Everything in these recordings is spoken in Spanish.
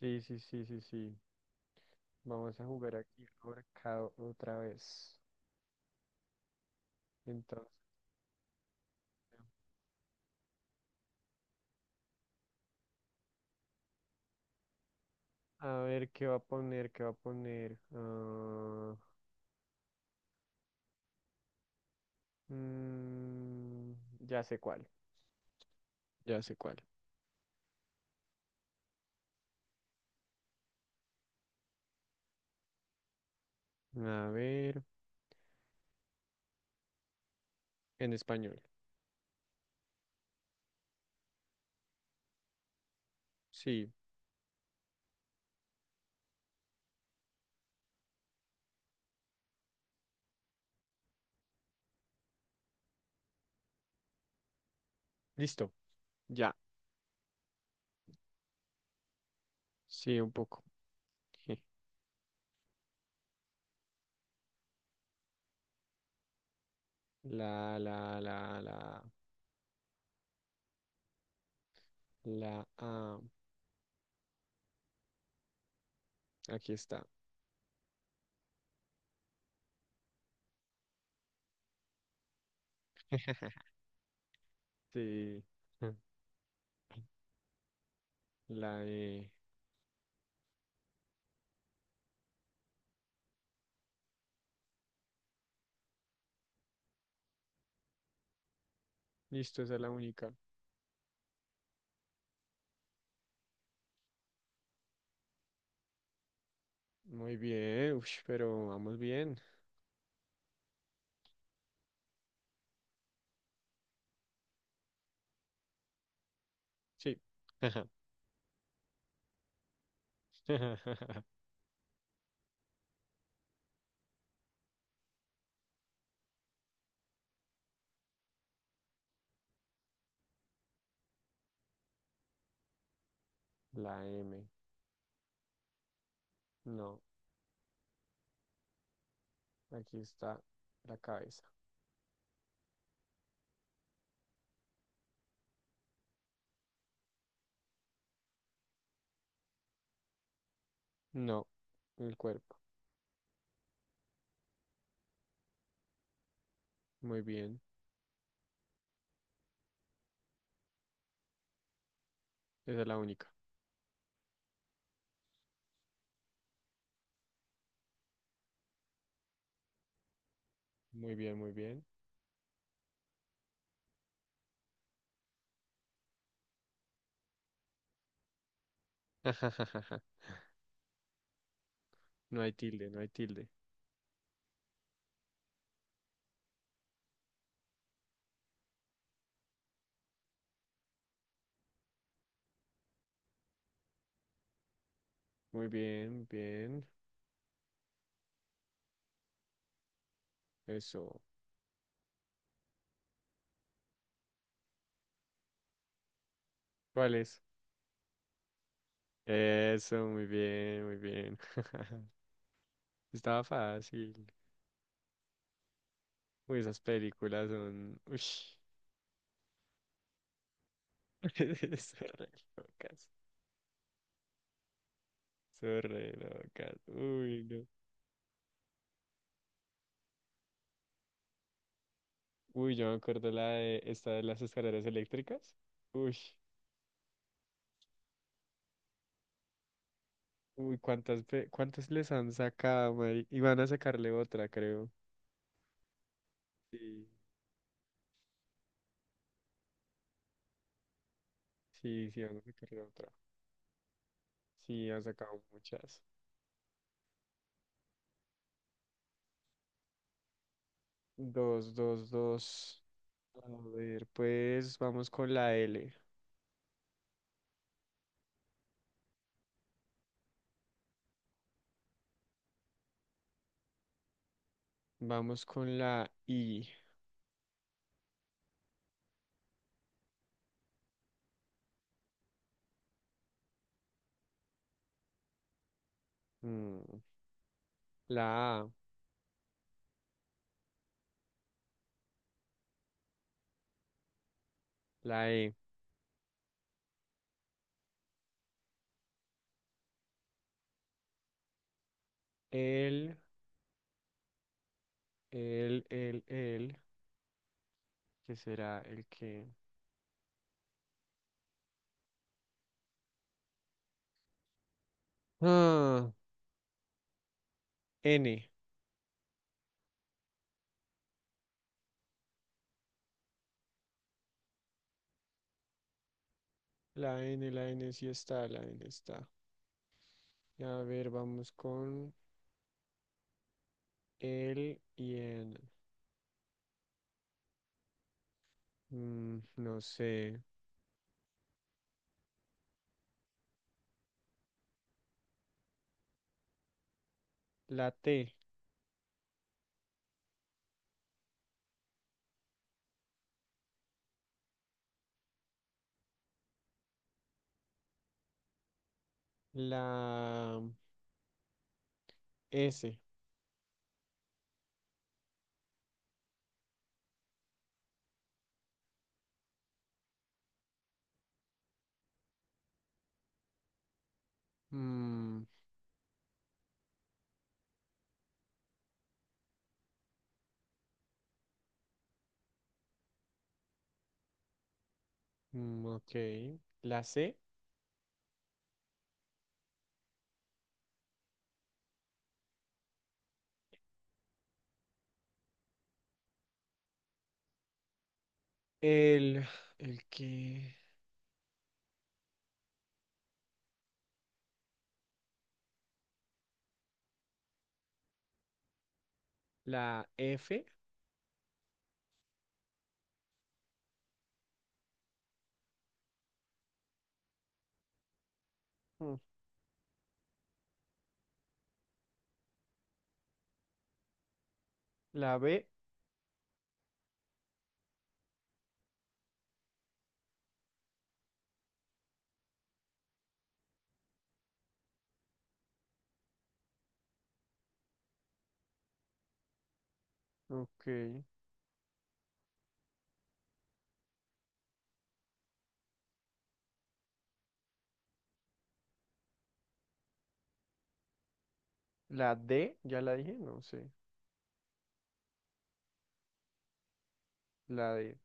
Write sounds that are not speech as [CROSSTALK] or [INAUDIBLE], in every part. Sí, sí, sí, sí, sí. Vamos a jugar aquí ahorcado otra vez. Entonces, a ver qué va a poner, qué va a poner. Ah, mm, ya sé cuál, ya sé cuál. A ver, en español. Sí, listo, ya. Sí, un poco. [LAUGHS] La, la, la, la, la, ah, aquí está. Sí, [LAUGHS] la E. Listo, esa es la única. Muy bien, ush, pero vamos bien. Sí. [LAUGHS] La M. No. Aquí está la cabeza. No. El cuerpo. Muy bien. Esa es la única. Muy bien, muy bien. [LAUGHS] No hay tilde, no hay tilde. Muy bien, bien. Eso. ¿Cuál es? Eso, muy bien, muy bien. [LAUGHS] Estaba fácil. Uy, esas películas son... uy. [LAUGHS] Son re locas. Son re locas. Uy, no. Uy, yo me acuerdo la de esta de las escaleras eléctricas. Uy, uy, cuántas, cuántas les han sacado, y van a sacarle otra, creo. Sí. Sí, sí, van a sacarle otra. Sí, han sacado muchas. Dos, dos, dos. A ver, pues vamos con la L. Vamos con la I. mm, la A, la E. El, el, el. ¿Qué será el que? Ah, N. La N sí está, la N está. A ver, vamos con el y en. No sé. La T, la S. mm, ok. La C, el, el que. La F, mm, la B, ok. La D, ya la dije, no sé. La D,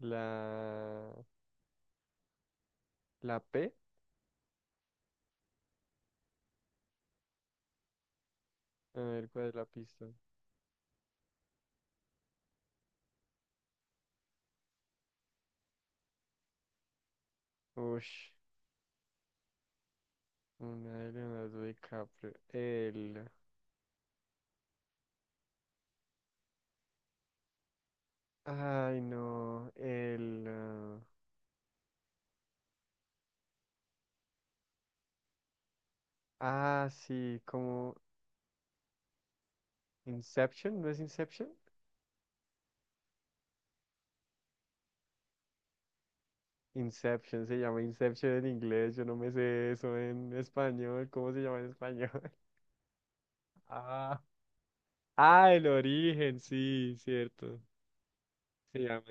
la, la P. A ver, ¿cuál es la pista? Ush. Una de Leonardo DiCaprio. El. Ay, no. El. Sí, como. Inception, ¿no es Inception? Inception, se llama Inception en inglés. Yo no me sé eso en español. ¿Cómo se llama en español? [LAUGHS] Ah. Ah, el origen, sí, cierto. Se llama,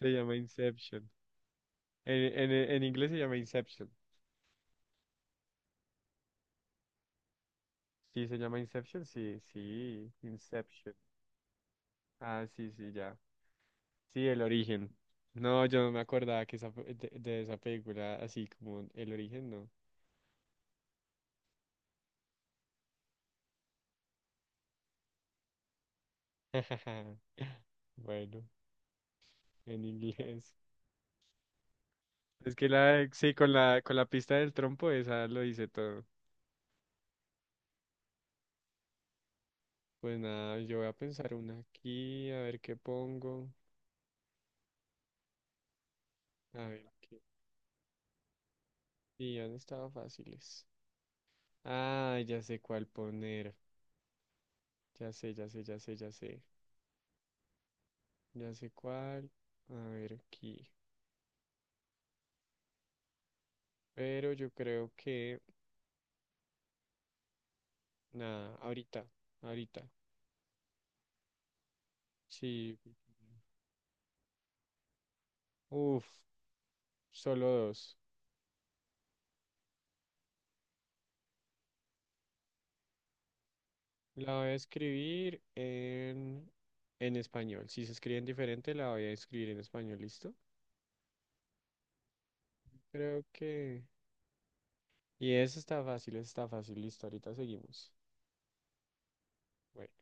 se llama Inception. En, en inglés se llama Inception. Sí, se llama Inception, sí, sí, Inception. Ah, sí, sí, ya. Sí, el origen. No, yo no me acordaba que esa, de esa película, así como el origen, no. [LAUGHS] Bueno, en inglés. Es que la, sí, con la pista del trompo, esa lo dice todo. Pues nada, yo voy a pensar una aquí, a ver qué pongo. A ver, qué. Sí, han estado fáciles. Ah, ya sé cuál poner. Ya sé, ya sé, ya sé, ya sé. Ya sé cuál. A ver aquí. Pero yo creo que, nada, ahorita, ahorita. Sí, uff, solo dos. La voy a escribir en español. Si se escriben diferente, la voy a escribir en español, ¿listo? Creo que... Y eso está fácil, listo, ahorita seguimos. Bueno.